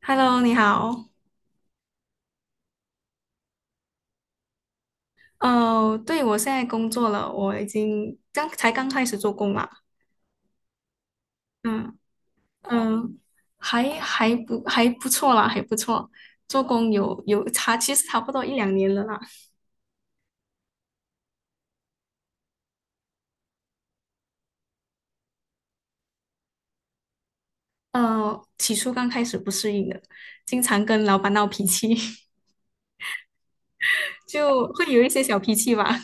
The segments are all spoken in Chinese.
Hello，你好。哦，对，我现在工作了，我已经刚才刚开始做工啦。嗯嗯，还不错啦，还不错。做工有差，其实差不多一两年了啦。起初刚开始不适应的，经常跟老板闹脾气，就会有一些小脾气吧。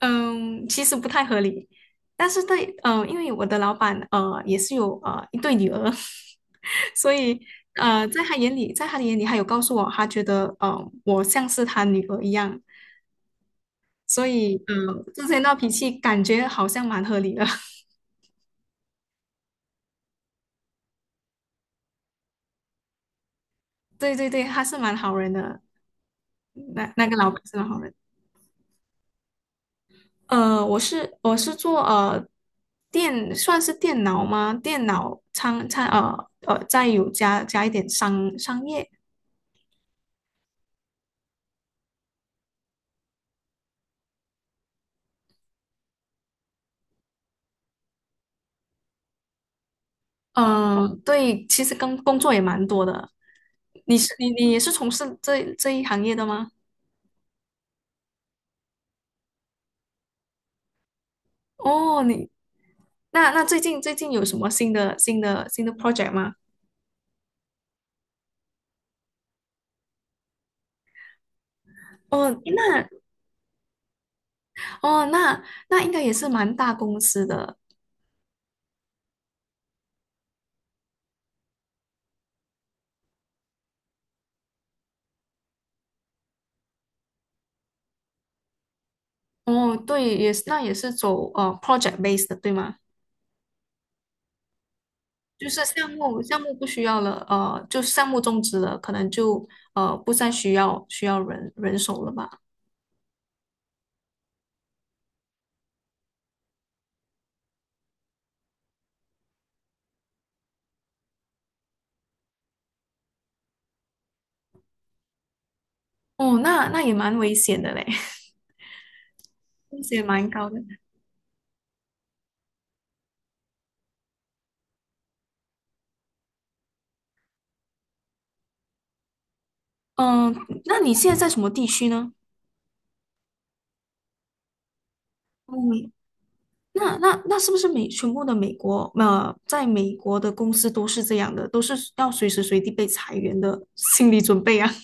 嗯，其实不太合理，但是对，嗯，因为我的老板也是有一对女儿，所以在他的眼里，他有告诉我，他觉得我像是他女儿一样，所以之前闹脾气感觉好像蛮合理的，对对对，他是蛮好人的，那个老板是蛮好人。我是做算是电脑吗？电脑仓仓呃呃，再有加一点商业。嗯，对，其实跟工作也蛮多的。你也是从事这一行业的吗？哦，那最近有什么新的 project 吗？哦，那哦那应该也是蛮大公司的。哦，对，也是走project base 的，对吗？就是项目不需要了，就项目终止了，可能就不再需要人手了吧？哦，那也蛮危险的嘞，风险蛮高的。嗯，那你现在在什么地区呢？嗯，那是不是全部的美国在美国的公司都是这样的，都是要随时随地被裁员的心理准备啊？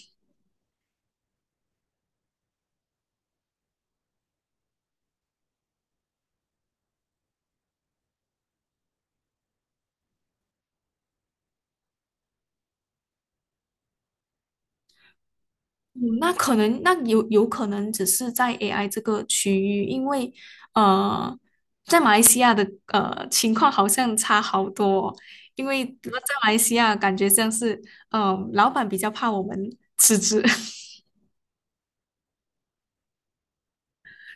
嗯，那可能那有可能只是在 AI 这个区域，因为呃，在马来西亚的情况好像差好多哦。因为在马来西亚感觉像是老板比较怕我们辞职，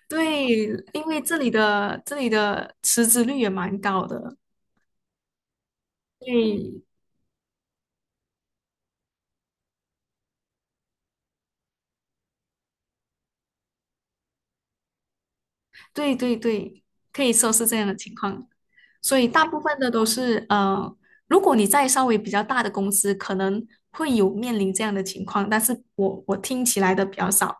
对，因为这里的辞职率也蛮高的，对，对对对，可以说是这样的情况。所以大部分的都是如果你在稍微比较大的公司，可能会有面临这样的情况，但是我听起来的比较少。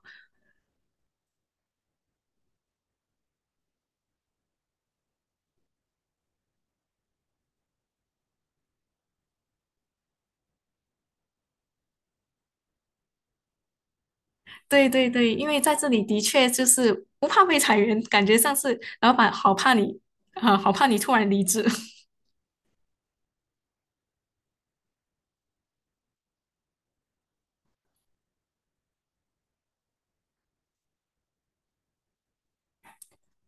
对对对，因为在这里的确就是不怕被裁员，感觉像是老板好怕你啊、好怕你突然离职。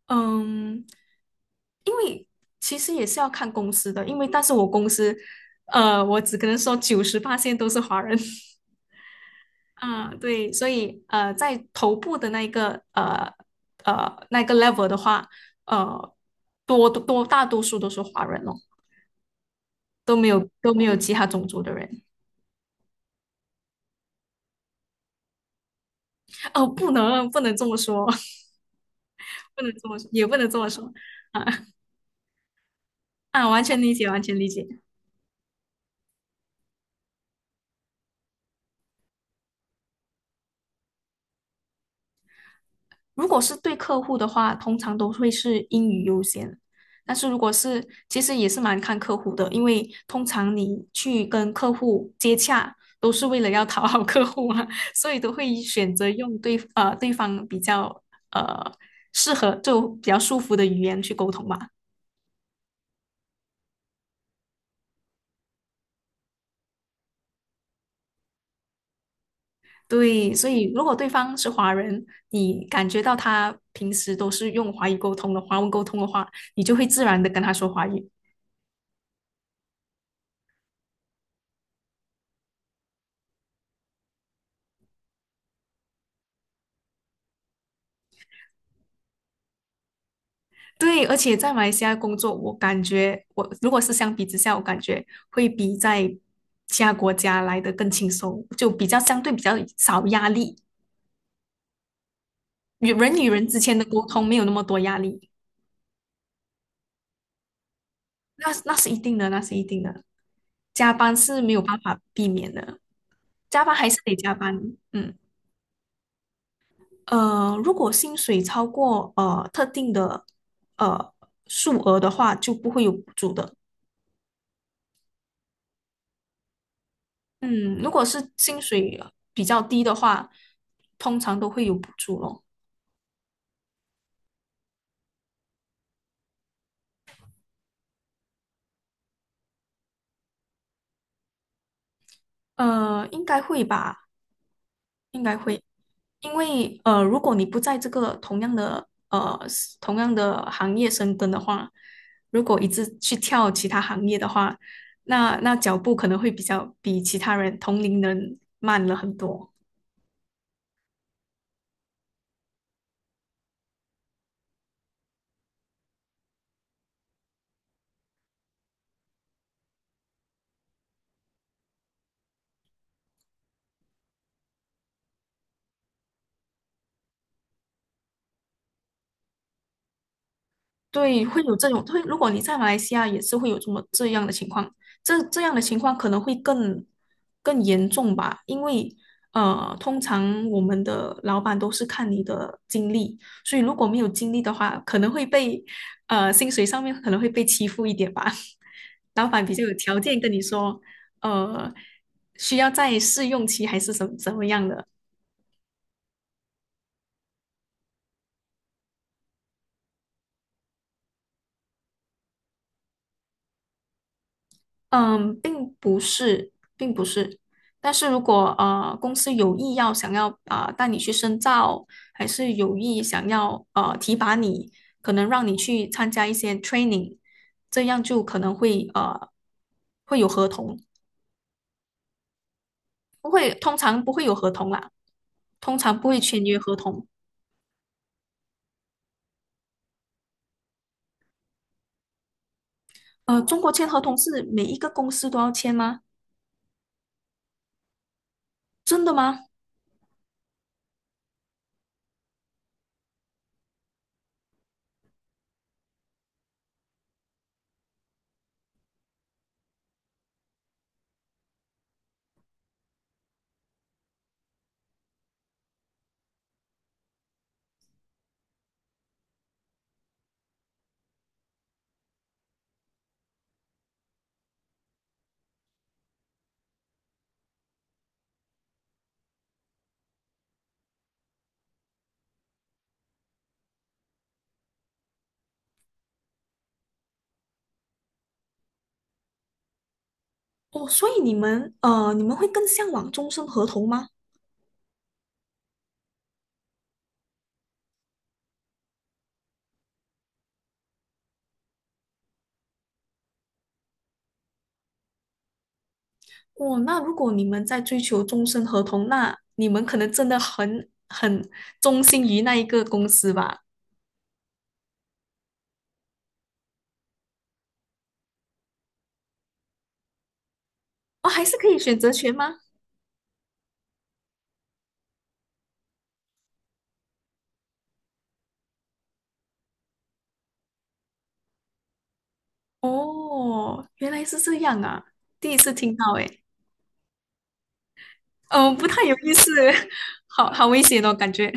嗯，因为其实也是要看公司的，但是我公司，我只可能说九十八线都是华人，啊，对，所以在头部的那个 level 的话，呃，大多数都是华人哦，都没有其他种族的人，哦，不能这么说，不能这么说，也不能这么说，啊啊，完全理解，完全理解。如果是对客户的话，通常都会是英语优先。但是如果是，其实也是蛮看客户的，因为通常你去跟客户接洽，都是为了要讨好客户啊，所以都会选择用对方比较呃适合就比较舒服的语言去沟通嘛。对，所以如果对方是华人，你感觉到他平时都是用华语沟通的，华文沟通的话，你就会自然的跟他说华语。对，而且在马来西亚工作，我感觉我如果是相比之下，我感觉会比在其他国家来的更轻松，就相对比较少压力，与人与人之间的沟通没有那么多压力，那是一定的，那是一定的。加班是没有办法避免的，加班还是得加班。嗯，如果薪水超过特定的呃数额的话，就不会有补助的。嗯，如果是薪水比较低的话，通常都会有补助咯。应该会吧，应该会，因为如果你不在这个同样的行业深耕的话，如果一直去跳其他行业的话，那脚步可能会比较比其他人同龄人慢了很多。对，会有这种，会，如果你在马来西亚也是会有这样的情况，这样的情况可能会更严重吧，因为通常我们的老板都是看你的经历，所以如果没有经历的话，可能会被呃薪水上面可能会被欺负一点吧。老板比较有条件跟你说，呃，需要在试用期还是什么怎么样的，嗯，并不是，并不是。但是如果公司有意想要啊、带你去深造，还是有意想要提拔你，可能让你去参加一些 training，这样就可能会呃会有合同，不会，通常不会有合同啦，通常不会签约合同。中国签合同是每一个公司都要签吗？真的吗？哦，所以你们会更向往终身合同吗？哦，那如果你们在追求终身合同，那你们可能真的很忠心于那一个公司吧？哦，还是可以选择权吗？哦，原来是这样啊，第一次听到诶，嗯，不太有意思，好好危险哦，感觉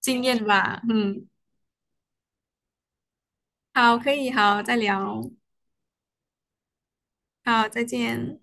经验吧，嗯，好，可以，好，再聊，好，再见。